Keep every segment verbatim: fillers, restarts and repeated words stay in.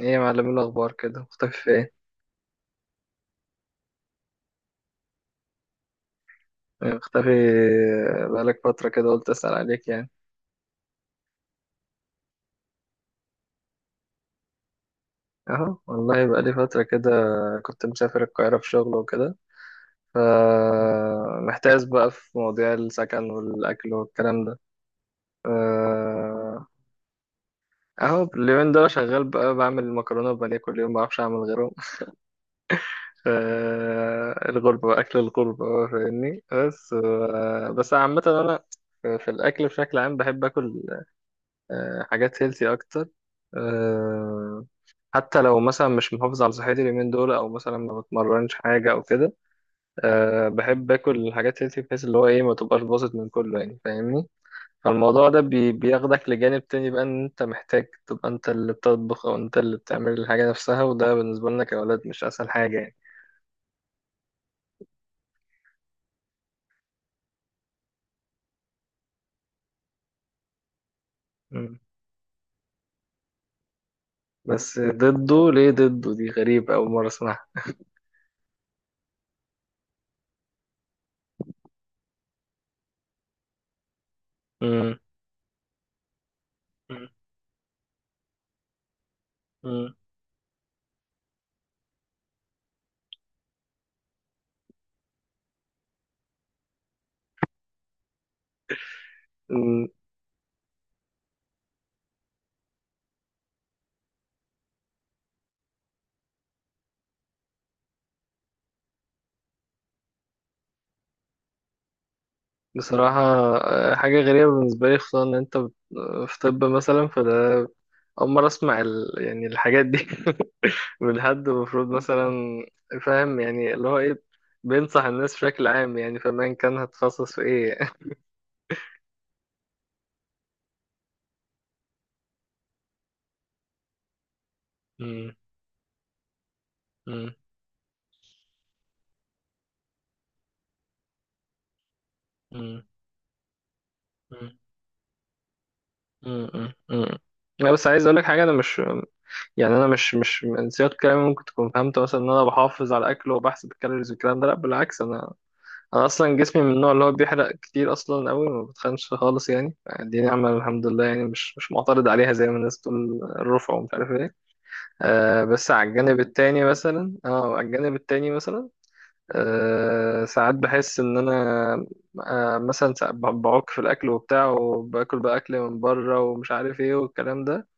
ايه يا معلم، إيه الاخبار كده؟ مختفي في ايه؟ مختفي بقالك فترة كده، قلت اسأل عليك يعني. اهو والله بقالي فترة كده، كنت مسافر القاهرة في شغل وكده، فمحتاس بقى في مواضيع السكن والاكل والكلام ده. آه، اهو اليومين دول شغال بقى، بعمل مكرونة وبانيه كل يوم، بعرفش اعمل غيرهم. ف- الغربة بقى اكل الغربة بقى، فاهمني. بس آه، بس عامة انا في الاكل بشكل عام بحب اكل آه، حاجات هيلثي اكتر. آه، حتى لو مثلا مش محافظ على صحتي اليومين دول، او مثلا ما بتمرنش حاجه او كده. أه بحب اكل الحاجات هيلثي، بحيث اللي هو ايه ما تبقاش باظت من كله يعني، فاهمني. فالموضوع ده بي بياخدك لجانب تاني بقى، ان انت محتاج تبقى انت اللي بتطبخ او انت اللي بتعمل الحاجه نفسها، وده بالنسبه لنا كاولاد مش اسهل حاجه يعني. مم. بس ضده ليه؟ ضده دي غريبة، أول مرة أسمعها. مم. مم. مم. بصراحة، آه، حاجة غريبة بالنسبة لي، خصوصا إن أنت بت- آه، في طب مثلا، فده أول مرة أسمع ال... يعني الحاجات دي من حد المفروض مثلا. فاهم يعني اللي هو إيه، بينصح الناس بشكل عام يعني، فما كان هتخصص في إيه؟ مم، مم، مم، مم، مم، مم، مم. لا بس عايز أقولك حاجة، أنا مش يعني، أنا مش مش من سياق كلامي ممكن تكون فهمت مثلا إن أنا بحافظ على أكل وبحسب الكالوريز والكلام ده. لأ بالعكس، أنا انا اصلا جسمي من النوع اللي هو بيحرق كتير اصلا قوي، ما بتخنش خالص يعني، دي نعمه الحمد لله يعني، مش مش معترض عليها زي ما الناس بتقول الرفع ومش عارف ايه. آه بس على الجانب التاني مثلا اه على الجانب التاني مثلا. آه ساعات بحس ان انا آه مثلا ساعات ب- بعك في الاكل وبتاع، وباكل بقى اكل من بره ومش عارف ايه والكلام ده.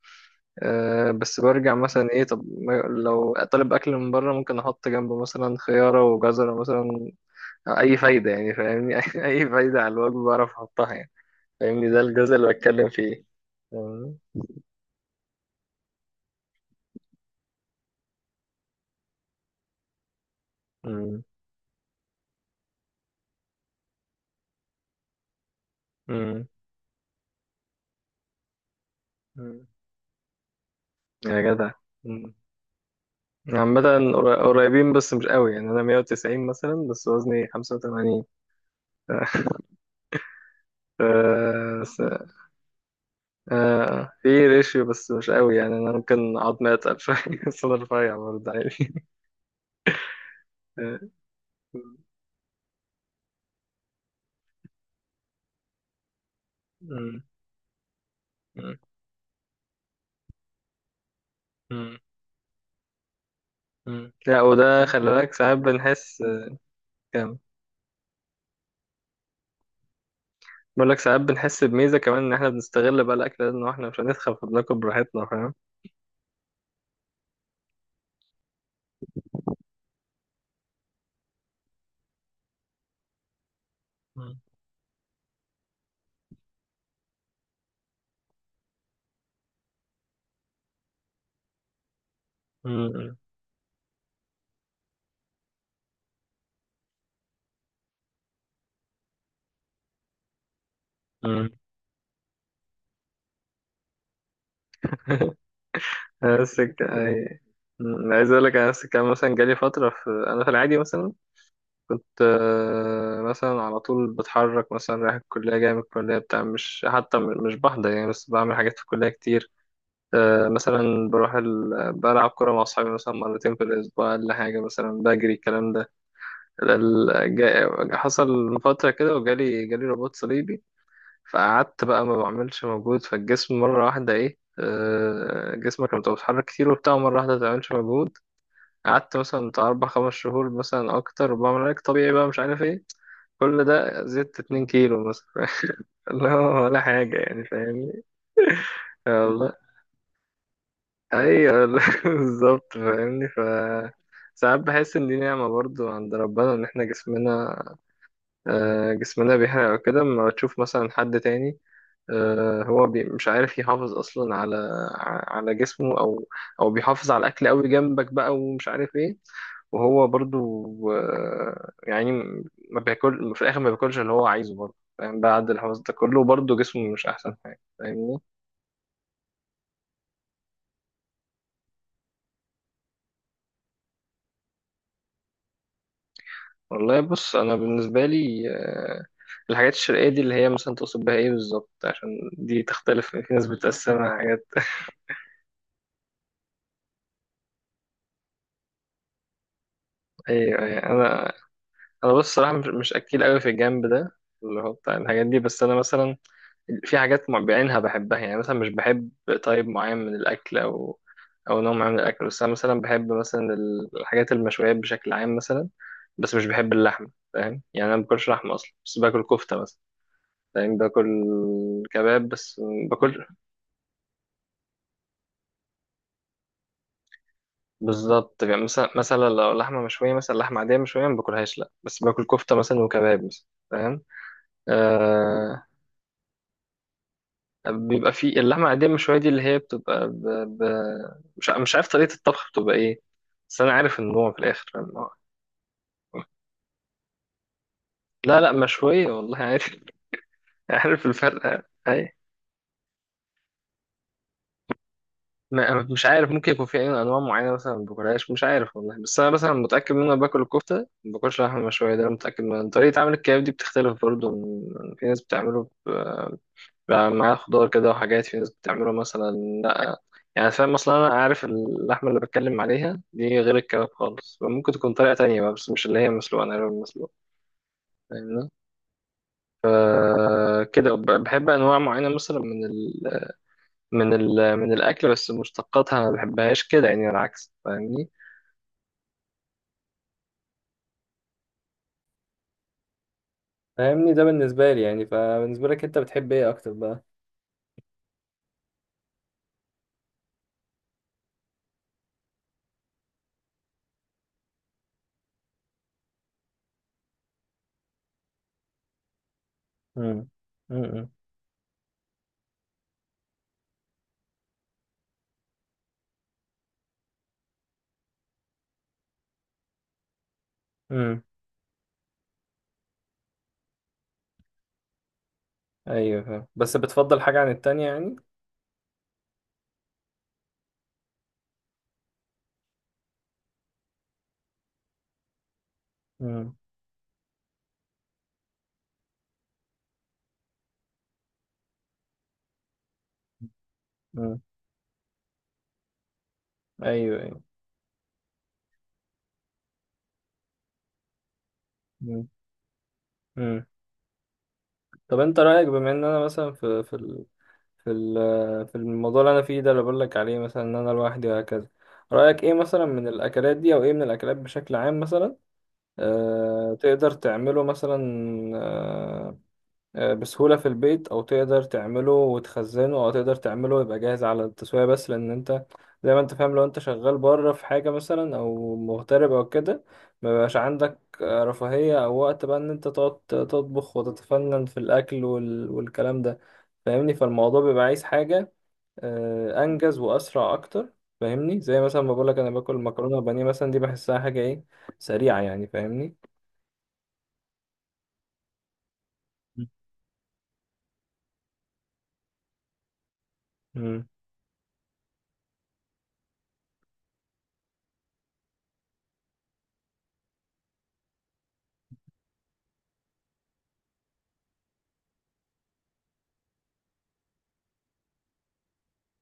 آه بس برجع مثلا ايه. طب ما- لو طالب اكل من بره ممكن احط جنبه مثلا خياره وجزره مثلا. اي فايده يعني، فاهمني. اي فايده على الوجه بعرف احطها يعني. فاهمني، ده الجزء اللي بتكلم فيه. فاهمني؟ مم. مم. مم. يا جدع. مم. عامة، قر- قريبين بس مش قوي يعني، أنا مية وتسعين مثلا بس وزني خمسة وتمانين، ف... س... آه... في ريشيو بس مش قوي يعني، أنا ممكن عظمي أتقل شوية بس أنا رفيع برضه عادي. آه. مم. مم. مم. مم. لا وده خلي بالك، ساعات بنحس كام بقول لك ساعات بنحس بميزة كمان إن إحنا بنستغل بقى الأكل ده، إن إحنا مش هنتخن فبناكل براحتنا، فاهم؟ مم. مم. مم. أنا نفس الك- أي- مم. عايز أقول لك، أنا نفس الكلام مثلا، جالي فترة في أنا في العادي مثلا كنت، آه، مثلا على طول بتحرك، مثلا رايح الكلية جاي من الكلية بتاع، مش حتى م- مش بحضر يعني بس بعمل حاجات في الكلية كتير. آه، مثلا بروح ال... بلعب كورة مع أصحابي مثلا مرتين في الأسبوع ولا حاجة، مثلا بجري الكلام ده. ال- جا- حصل من فترة كده وجالي جالي رباط صليبي. فقعدت بقى ما بعملش مجهود، فالجسم مرة واحدة ايه. آه، جسمك لما تبقى بتتحرك كتير وبتاع مرة واحدة ما تعملش مجهود، قعدت مثلا بتاع أربع خمس شهور مثلا أكتر، وبعمل علاج طبيعي بقى مش عارف ايه، كل ده زدت اتنين كيلو مثلا. لا ولا حاجة يعني، فاهمني. آه والله. أيوة والله. بالظبط، فاهمني. ف ساعات بحس إن دي نعمة برضو عند ربنا، إن إحنا جسمنا آه، جسمنا بيحرق وكده. أما تشوف مثلا حد تاني آه، هو بي- مش عارف يحافظ اصلا على ع- على جسمه، او او بيحافظ على الاكل قوي جنبك بقى ومش عارف ايه. وهو برضو آه، يعني ما بياكل في الاخر، ما بياكلش اللي هو عايزه برضو، فاهم؟ بعد الحفاظ ده كله برضو جسمه مش احسن حاجه، فاهمني. والله بص، انا بالنسبه لي آه، الحاجات الشرقيه دي اللي هي مثلا تقصد بها ايه بالظبط؟ عشان دي تختلف، في ناس بتقسمها حاجات. ايوه، أيوة. انا انا بص صراحه، مش مش اكيل قوي في الجنب ده اللي هو بتاع الحاجات دي، بس انا مثلا في حاجات مع- بعينها بحبها يعني، مثلا مش بحب طيب معين من الأكل أو أو نوع معين من الأكل، بس أنا مثلا بحب مثلا الحاجات المشويات بشكل عام مثلا، بس مش بحب اللحمة، فاهم يعني أنا ما باكلش لحمة أصلا، بس باكل كفتة مثلا. فاهم؟ باكل كباب بس ما باكل. بالظبط يعني مثلا مثلا لو لحمة مشوية مثلا، لحمة عادية مشوية ما باكلهاش لأ، بس باكل كفتة مثلا وكباب مثلا، فاهم؟ آه، بيبقى فيه اللحمة العادية شوية دي اللي هي بتبقى ب... ب... مش ع- مش عارف طريقة الطبخ بتبقى ايه، بس أنا عارف النوع في الآخر، فاهم؟ لا لا، مشوية والله، عارف. عارف الفرق أي. ما- مش عارف، ممكن يكون في أي أنواع معينة مثلا ما باكلهاش، مش عارف والله، بس أنا مثلا متأكد إن أنا باكل الكفتة. ما باكلش لحمة مشوية، ده أنا متأكد. من طريقة عمل الكباب دي بتختلف برضه من... في ناس بتعمله بقى معاه خضار كده وحاجات، في ناس بتعمله مثلا لا. يعني فاهم اصلا انا عارف اللحمه اللي بتكلم عليها دي غير الكباب خالص، ممكن تكون طريقه تانية بقى بس مش اللي هي مسلوقه، انا اللي مسلوقه، فاهمني. آه كده وب- بحب انواع معينه مثلا من ال من ال من الاكل، بس مشتقاتها ما بحبهاش كده يعني، العكس فاهمني. فاهمني ده بالنسبة لي يعني، فبالنسبة لك انت بتحب ايه اكتر بقى؟ امم. امم. امم. ايوه فاهم، بس بتفضل حاجة عن التانية يعني. امم. امم. ايوه. ايوه. امم. طب انت رأيك، بما ان انا مثلا في في ال- في ال- في الموضوع اللي انا فيه ده اللي بقول لك عليه، مثلا ان انا لوحدي وهكذا. رأيك ايه مثلا من الاكلات دي، او ايه من الاكلات بشكل عام مثلا؟ آه تقدر تعمله مثلا آه، آه، بسهولة في البيت، أو تقدر تعمله وتخزنه، أو تقدر تعمله يبقى جاهز على التسوية، بس لأن أنت زي ما أنت فاهم، لو أنت شغال بره في حاجة مثلا أو مغترب أو كده، مبيبقاش عندك آه، رفاهية أو وقت بقى إن أنت تقعد تطبخ وتتفنن في الأكل وال... والكلام ده. فاهمني، فالموضوع بيبقى عايز حاجة آه، أنجز وأسرع أكتر. فاهمني؟ زي مثلا ما بقولك أنا باكل مكرونة وبانيه مثلا، دي بحسها حاجة إيه، سريعة يعني، فاهمني. مم.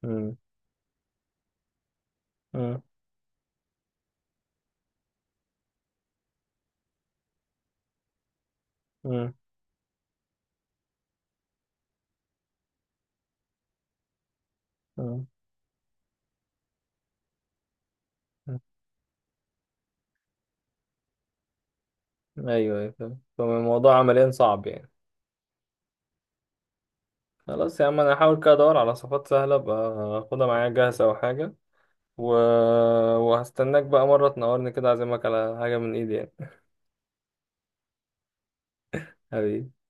مم. مم. مم. مم. ايوه ايوه فاهم. فالموضوع عمليا صعب يعني. خلاص يا عم، انا هحاول كده ادور على صفات سهله، ابقى اخدها معايا جاهزه او حاجه. و... وهستناك بقى مره تنورني كده، اعزمك على حاجه من ايدي يعني. حبيبي.